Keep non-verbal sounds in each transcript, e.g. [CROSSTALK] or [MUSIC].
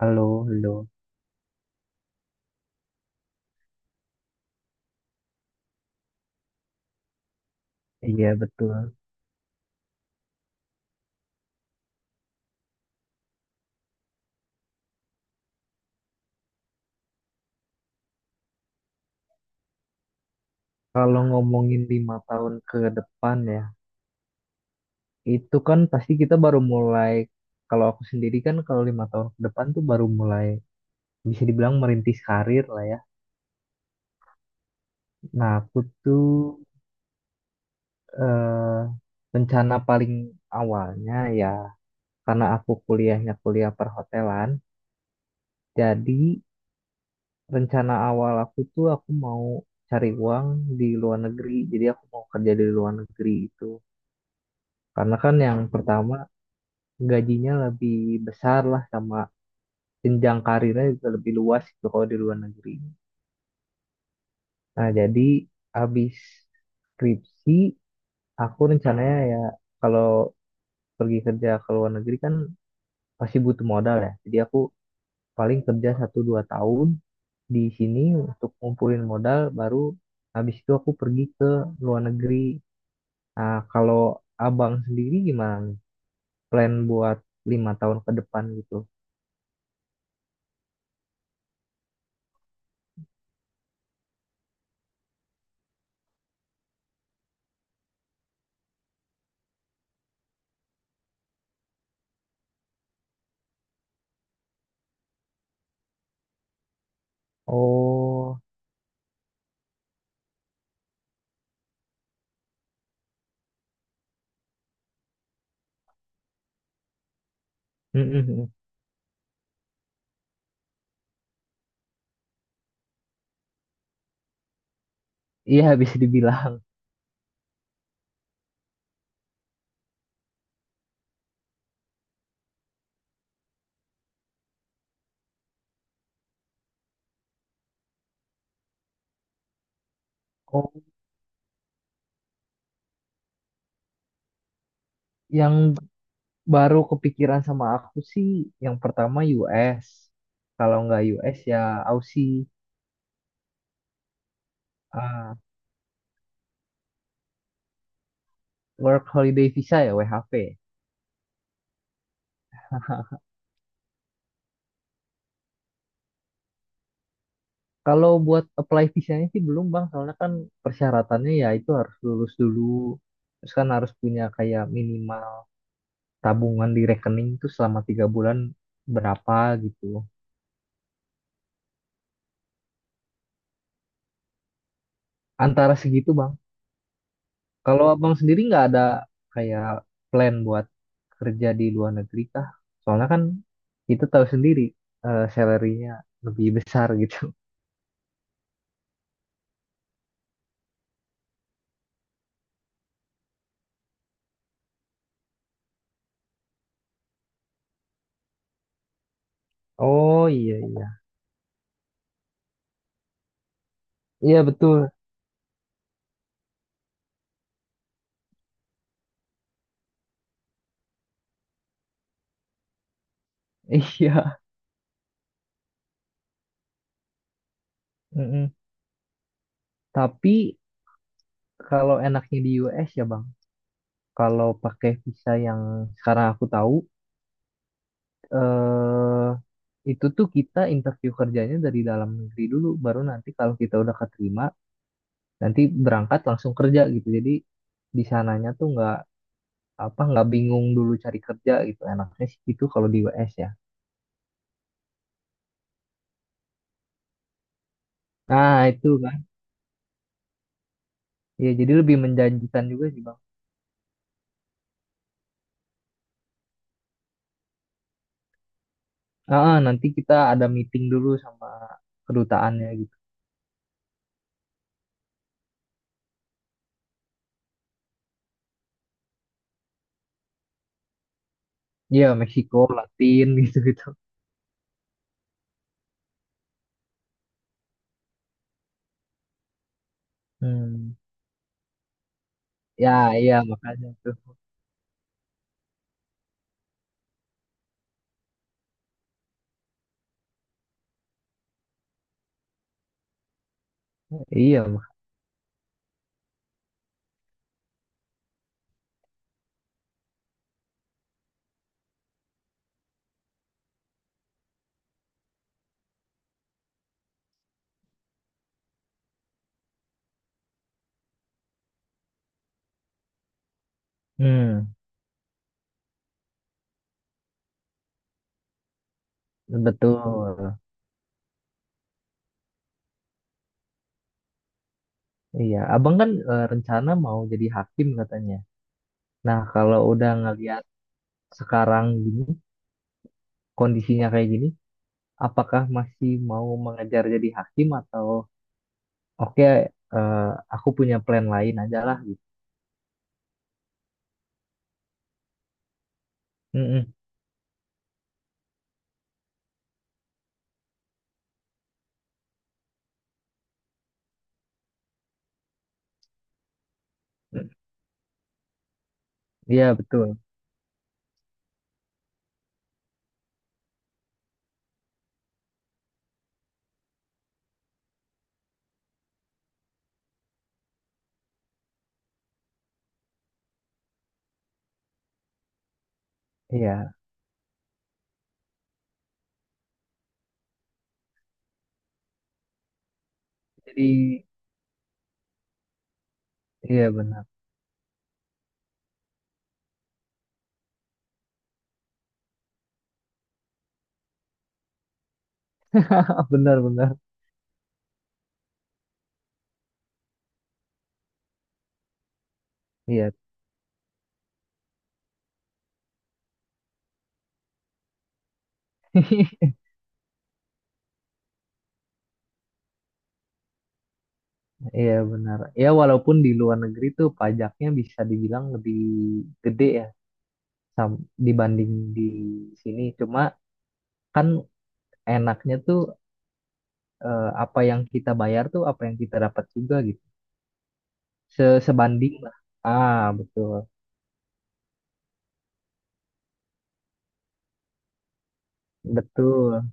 Halo, halo. Iya, betul. Kalau ngomongin 5 tahun ke depan ya, itu kan pasti kita baru mulai. Kalau aku sendiri kan kalau 5 tahun ke depan tuh baru mulai, bisa dibilang merintis karir lah ya. Nah, aku tuh eh, rencana paling awalnya ya, karena aku kuliahnya kuliah perhotelan, jadi rencana awal aku tuh aku mau cari uang di luar negeri. Jadi aku mau kerja di luar negeri itu. Karena kan yang pertama gajinya lebih besar lah sama jenjang karirnya juga lebih luas gitu kalau di luar negeri. Nah, jadi habis skripsi aku rencananya ya kalau pergi kerja ke luar negeri kan pasti butuh modal ya. Jadi aku paling kerja satu dua tahun di sini untuk ngumpulin modal baru habis itu aku pergi ke luar negeri. Nah, kalau abang sendiri gimana nih? Plan buat 5 tahun ke depan gitu. Oh, [LAUGHS] iya bisa dibilang. Oh, yang baru kepikiran sama aku sih yang pertama US. Kalau nggak US ya Aussie, ah, Work Holiday Visa ya WHV. Kalau buat apply visanya sih belum Bang, soalnya kan persyaratannya ya itu harus lulus dulu. Terus kan harus punya kayak minimal tabungan di rekening itu selama 3 bulan berapa gitu. Antara segitu Bang. Kalau abang sendiri nggak ada kayak plan buat kerja di luar negeri kah? Soalnya kan kita tahu sendiri salary-nya lebih besar gitu. [LAUGHS] Oh, iya iya. Iya betul. [LAUGHS] Iya. Mm-mm. Tapi kalau enaknya di US ya Bang, kalau pakai visa yang sekarang aku tahu, eh itu tuh kita interview kerjanya dari dalam negeri dulu, baru nanti kalau kita udah keterima, nanti berangkat langsung kerja gitu. Jadi di sananya tuh nggak apa nggak bingung dulu cari kerja gitu, enaknya sih itu kalau di US ya. Nah, itu kan ya jadi lebih menjanjikan juga sih Bang. Nanti kita ada meeting dulu sama kedutaannya gitu. Ya, Meksiko Latin, [LAUGHS] gitu gitu. Hmm, ya iya makanya tuh. Iya Bang. Hmm, betul. Iya abang kan, rencana mau jadi hakim katanya. Nah, kalau udah ngeliat sekarang gini kondisinya kayak gini, apakah masih mau mengejar jadi hakim atau, oke, eh, aku punya plan lain aja lah gitu. Mm-mm. Mm. Iya betul. Iya. Jadi iya benar. [LAUGHS] Benar benar. Iya. [LAUGHS] Iya benar. Ya walaupun di luar negeri tuh pajaknya bisa dibilang lebih gede ya dibanding di sini. Cuma kan enaknya tuh, apa yang kita bayar tuh apa yang kita dapat juga gitu. Sebanding lah. Ah, betul. Betul.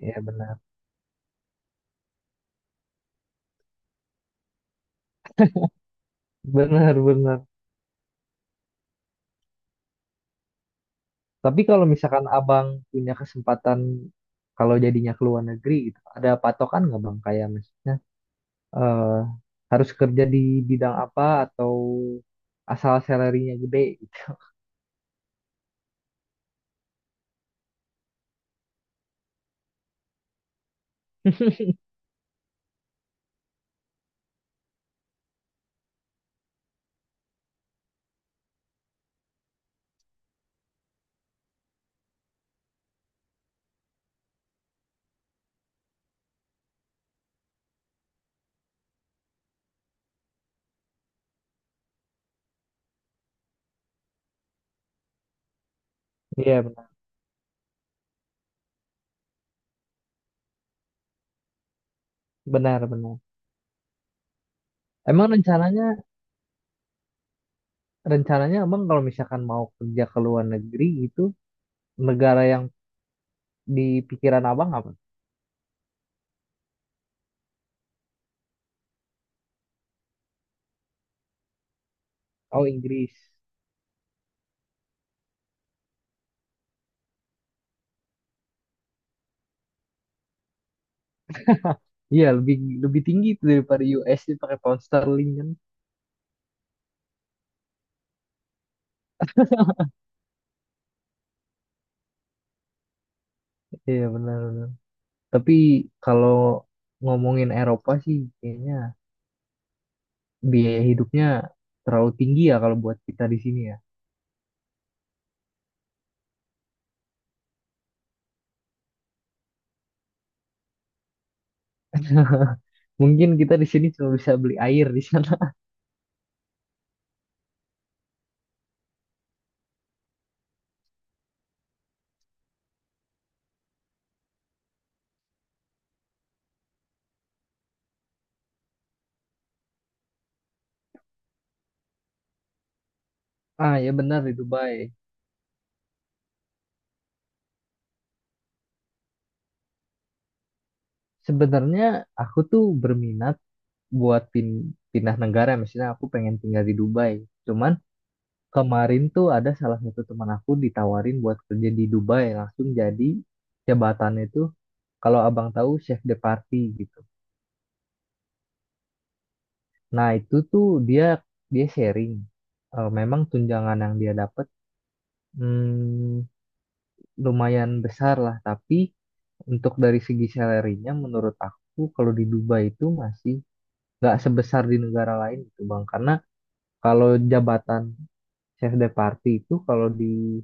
Iya benar. Benar benar. Tapi kalau misalkan abang punya kesempatan kalau jadinya ke luar negeri gitu, ada patokan nggak Bang? Kayak maksudnya, eh, harus kerja di bidang apa atau asal salary-nya gede gitu? [LAUGHS] Iya benar, benar benar. Emang rencananya rencananya abang kalau misalkan mau kerja ke luar negeri itu, negara yang di pikiran abang apa? Oh, Inggris. Iya, lebih lebih tinggi itu daripada US, dia pakai pound sterling kan? Iya benar. Tapi kalau ngomongin Eropa sih, kayaknya biaya hidupnya terlalu tinggi ya kalau buat kita di sini ya. Mungkin kita di sini cuma bisa beli air di sana. [LAUGHS] Ah ya benar, di Dubai. Sebenarnya aku tuh berminat buat pindah negara, misalnya aku pengen tinggal di Dubai. Cuman kemarin tuh ada salah satu teman aku ditawarin buat kerja di Dubai, langsung jadi jabatannya tuh, kalau abang tahu, chef de party gitu. Nah, itu tuh dia dia sharing. Memang tunjangan yang dia dapat, hmm, lumayan besar lah, tapi untuk dari segi salary-nya menurut aku kalau di Dubai itu masih nggak sebesar di negara lain gitu Bang. Karena kalau jabatan chef de party itu, kalau di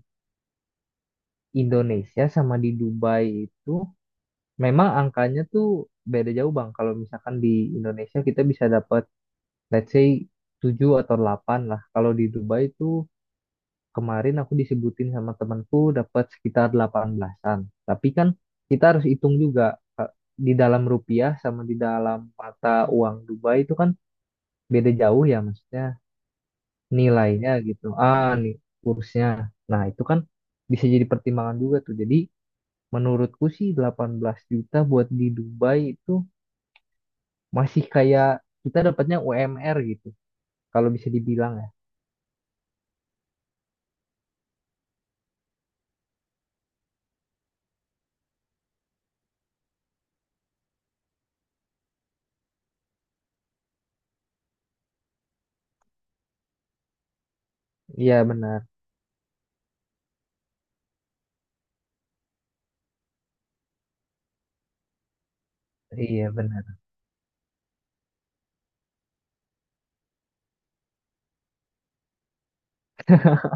Indonesia sama di Dubai itu memang angkanya tuh beda jauh Bang. Kalau misalkan di Indonesia kita bisa dapat let's say 7 atau 8 lah. Kalau di Dubai itu, kemarin aku disebutin sama temanku dapat sekitar 18-an. Tapi kan kita harus hitung juga Kak, di dalam rupiah sama di dalam mata uang Dubai itu kan beda jauh ya, maksudnya nilainya gitu. Ah, nih kursnya. Nah, itu kan bisa jadi pertimbangan juga tuh. Jadi menurutku sih 18 juta buat di Dubai itu masih kayak kita dapatnya UMR gitu. Kalau bisa dibilang ya. Iya benar. Iya benar. [LAUGHS]